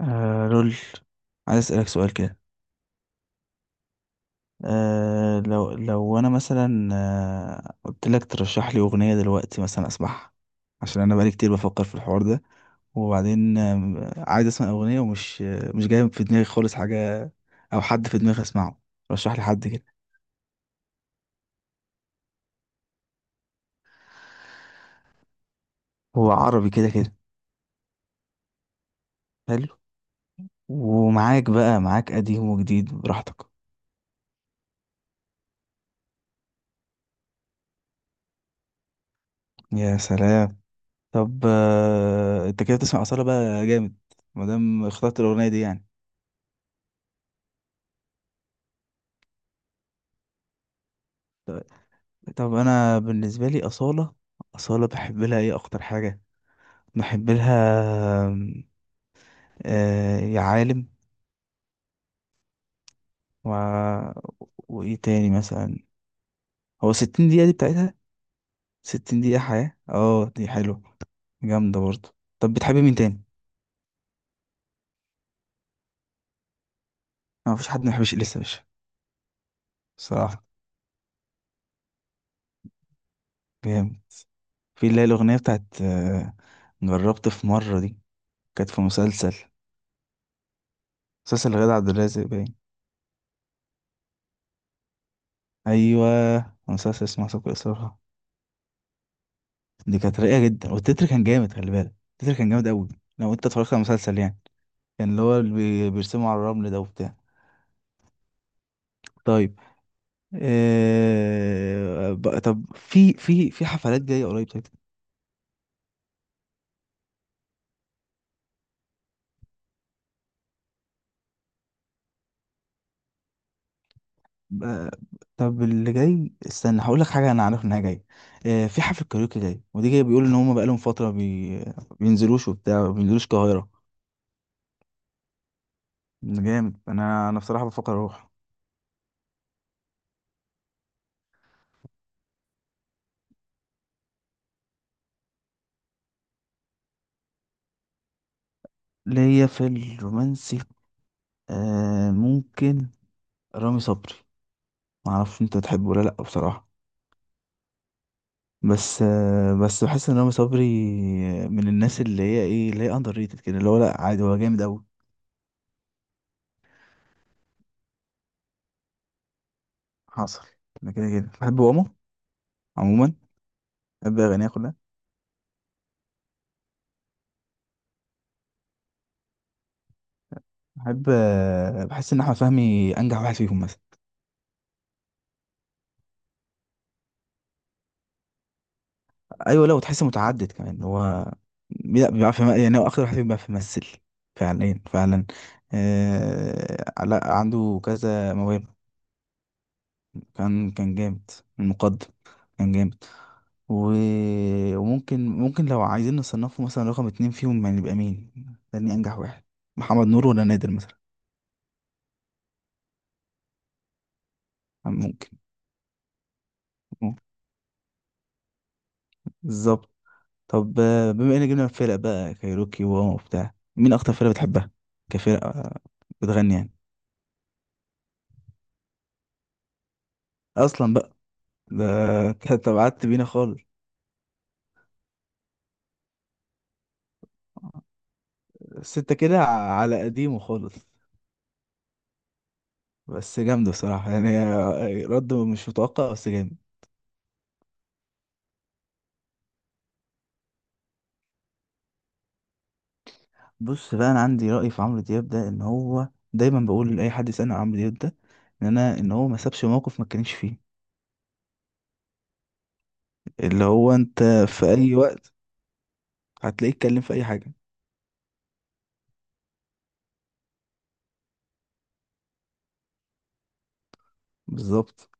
رول، عايز أسألك سؤال كده. لو أنا مثلا قلت لك ترشح لي أغنية دلوقتي مثلا أسمعها، عشان أنا بقالي كتير بفكر في الحوار ده. وبعدين عايز أسمع أغنية ومش مش جاي في دماغي خالص حاجة أو حد في دماغي أسمعه. رشح لي حد كده. هو عربي كده كده. حلو. ومعاك بقى، معاك قديم وجديد براحتك. يا سلام. طب أنت كده بتسمع أصالة بقى جامد، مادام اخترت الأغنية دي يعني. طب انا بالنسبه لي اصاله، اصاله بحب لها ايه اكتر حاجه؟ بحب لها آم، يا عالم. و... وايه تاني مثلا؟ هو 60 دقيقه دي بتاعتها. 60 دقيقه حياه، اه دي حلوه، جامده برضه. طب بتحبي مين تاني؟ ما فيش حد ما بيحبش اليسا يا باشا. صراحه جامد. في اللي هي الاغنيه بتاعت جربت في مره دي، كانت في مسلسل، مسلسل غادة عبد الرازق باين. ايوه، مسلسل اسمه سوق الاصرار. دي كانت رايقه جدا، والتتر كان جامد، خلي بالك، التتر كان جامد قوي لو انت اتفرجت على المسلسل يعني. كان اللي هو بيرسموا على الرمل ده وبتاع. طيب. طب في حفلات جايه قريب؟ طيب. بقى- طب اللي جاي استنى هقول لك حاجه انا عارف انها جايه. في حفله كاريوكي جاي، ودي جايه بيقولوا ان هم بقالهم فتره بينزلوش، وبتاع ما بينزلوش القاهره. جامد، انا بصراحه بفكر اروح. ليا في الرومانسي ممكن رامي صبري، ما اعرفش انت تحبه ولا لا بصراحه. بس بس بحس ان رامي صبري من الناس اللي هي ايه، اللي هي اندر ريتد كده، اللي هو لا عادي هو جامد قوي. حصل. انا كده كده بحب ماما عموما، بحب اغانيه كلها. بحب بحس ان احمد فهمي انجح واحد فيهم مثلا. ايوه، لا وتحس متعدد كمان هو. لا بيعرف يعني هو اكتر واحد فيهم بيعرف يمثل فعليا فعلا. آه لا عنده كذا موهبه. كان كان جامد المقدم، كان جامد. و... وممكن، لو عايزين نصنفه مثلا رقم اتنين فيهم يعني يبقى مين؟ تاني أنجح واحد؟ محمد نور ولا نادر مثلا؟ ممكن. ممكن. بالظبط. طب بما إن جبنا الفرق بقى كايروكي وواما وبتاع، مين أكتر فرقة بتحبها كفرقة بتغني يعني؟ أصلا بقى ده. كانت بعدت بينا خالص. الستة كده على قديمه خالص، بس جامدة بصراحة يعني. رد مش متوقع بس جامد. بص بقى، انا عندي رأي في عمرو دياب ده، ان هو دايما بقول لاي حد يسألني عن عمرو دياب ده، ان انا ان هو ما سابش موقف ما اتكلمش فيه. اللي هو انت في اي وقت هتلاقيه اتكلم في اي حاجة. بالظبط.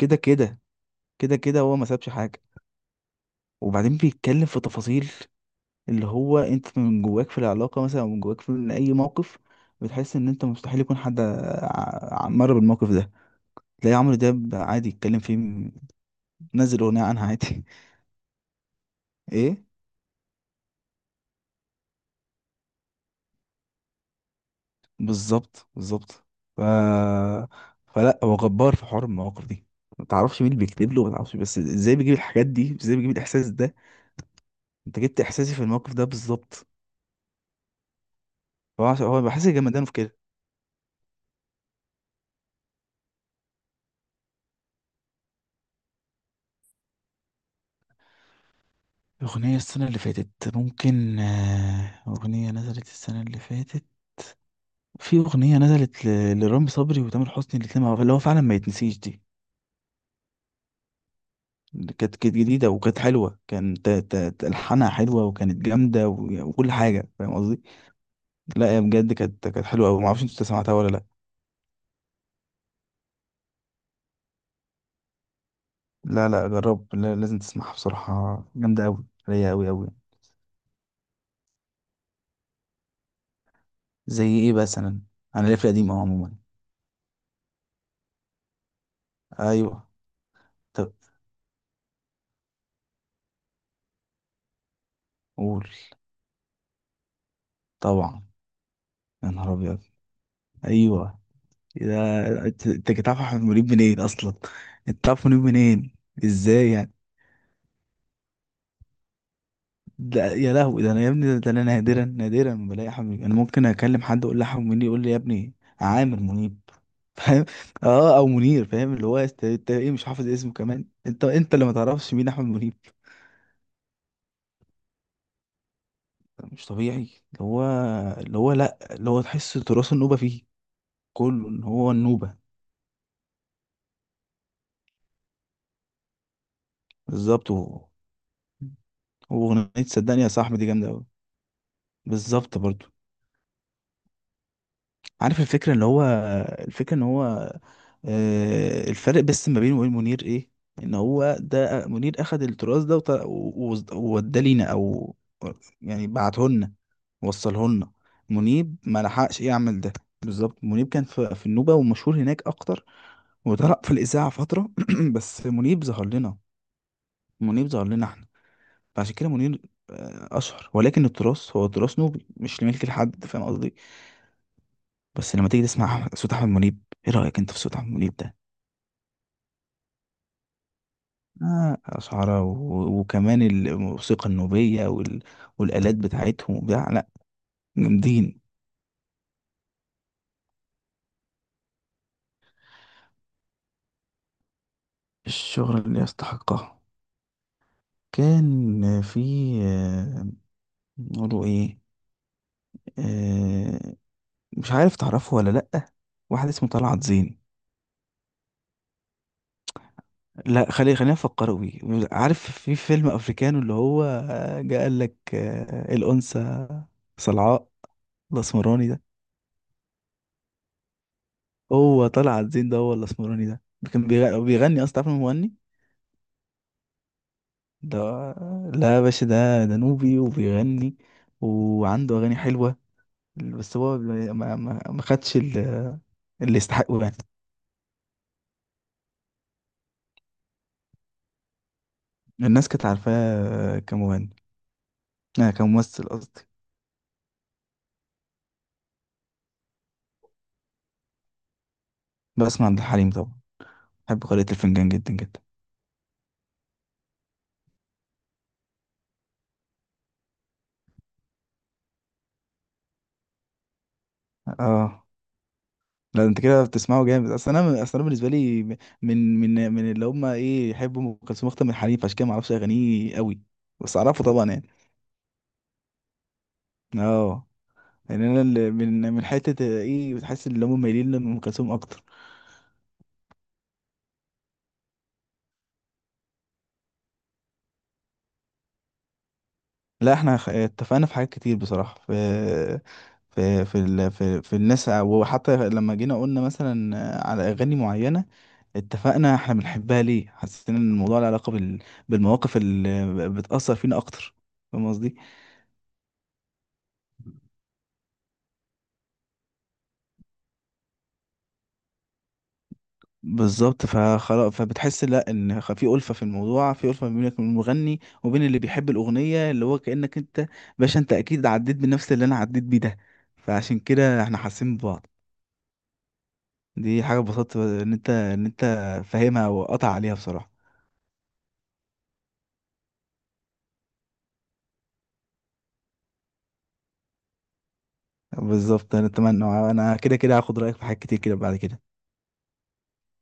كده كده. كده كده هو ما سابش حاجة. وبعدين بيتكلم في تفاصيل، اللي هو انت من جواك في العلاقة مثلا او من جواك في من اي موقف، بتحس ان انت مستحيل يكون حد مر بالموقف ده، تلاقي عمرو دياب عادي يتكلم فيه. نزل اغنية عنها عادي. ايه. بالظبط بالظبط. ف... فلا هو جبار في حوار المواقف دي. ما تعرفش مين اللي بيكتب له، ما تعرفش، بس ازاي بيجيب الحاجات دي، ازاي بيجيب الاحساس ده. انت جبت احساسي في الموقف ده بالظبط. فهو هو بحس جمدانه في كده. أغنية السنة اللي فاتت؟ ممكن أغنية نزلت السنة اللي فاتت، في أغنية نزلت لرامي صبري وتامر حسني الاتنين مع بعض، اللي هو فعلا ما يتنسيش دي. اللي كانت جديدة وكانت حلوة، كانت ألحانها حلوة، وكانت جامدة وكل حاجة، فاهم قصدي. لا يا بجد، كانت حلوه قوي، ما اعرفش انت سمعتها ولا لا. لا لا جرب، لا لازم تسمعها بصراحه، جامده قوي، رايقه قوي قوي. زي ايه مثلا؟ انا ليا في القديم اهو عموما. ايوه. طب، قول طبعا. يا نهار ابيض. ايوه. إيه ده، أنت كنت عارف احمد منيب منين اصلا؟ انت عارف منيب منين؟ ازاي يعني؟ ده يا لهوي، ده انا يا ابني، ده انا نادرا، نادرا ما بلاقي احمد منيب. انا ممكن اكلم حد اقول له احمد منيب يقول لي يا ابني عامر منيب. فاهم. اه، او منير، فاهم، اللي هو انت ايه، مش حافظ اسمه كمان، انت انت اللي ما تعرفش مين احمد منيب. مش طبيعي. اللي هو، اللي هو، لا اللي هو تحس تراث النوبه فيه كله، ان هو النوبه. بالظبط. هو، هو اغنيه صدقني يا صاحبي دي جامده قوي. بالظبط برضو. عارف الفكرة اللي هو، الفكرة ان هو الفرق بس ما بينه وبين منير ايه؟ ان هو ده منير اخد التراث ده و ووداه لينا، او يعني بعته لنا، وصله لنا. منيب ما لحقش يعمل ده. بالظبط. منيب كان في النوبة ومشهور هناك اكتر، وطلع في الإذاعة فترة. بس منيب ظهر لنا، منيب ظهر لنا احنا. فعشان كده منير أشهر، ولكن التراث هو تراث نوبي مش لملك لحد، فاهم قصدي. بس لما تيجي تسمع صوت احمد منيب، ايه رايك انت في صوت احمد منيب ده؟ آه أشعرة، وكمان الموسيقى النوبية والآلات بتاعتهم وبتاع. لا جامدين. الشغل اللي يستحقها. كان في آه، نقوله ايه؟ آه، مش عارف تعرفه ولا لأ، واحد اسمه طلعت زين. لا خلي، خلينا نفكر بيه. عارف في فيلم أفريكانو اللي هو جه قال لك الأنثى صلعاء الأسمراني ده؟ هو طلع عابدين ده، هو الاسمراني ده، ده كان بيغني اصلا، تعرف إن هو مغني ده؟ لا يا باشا، ده ده نوبي وبيغني، وعنده اغاني حلوه، بس هو ما خدش اللي يستحقه يعني. الناس كانت عارفاه كمغني، آه كممثل قصدي. بسمع عبد الحليم طبعا، بحب قارئة الفنجان جدا جدا. اه لا انت كده بتسمعه جامد. اصل انا، اصل انا بالنسبه لي من، من اللي هم ايه، يحبوا ام كلثوم اكتر من حليم، فعشان كده ما اعرفش اغانيه قوي، بس اعرفه طبعا يعني. اه. يعني انا اللي من، من حته ايه، بتحس ان هم مايلين لام كلثوم اكتر. لا احنا اتفقنا في حاجات كتير بصراحه، في في الناس وحتى لما جينا قلنا مثلا على اغاني معينه اتفقنا احنا بنحبها ليه، حسينا ان الموضوع له علاقه بالمواقف اللي بتاثر فينا اكتر، فاهم قصدي. بالظبط. فخلاص، فبتحس لا ان في الفه في الموضوع، في الفه ما بينك وبين المغني وبين اللي بيحب الاغنيه، اللي هو كانك انت باشا، انت اكيد عديت بنفس اللي انا عديت بيه ده، فعشان كده احنا حاسين ببعض. دي حاجه اتبسطت ان انت، ان انت فاهمها وقطع عليها بصراحه. بالظبط، انا اتمنى. انا كده كده هاخد رايك في حاجات كتير كده بعد كده.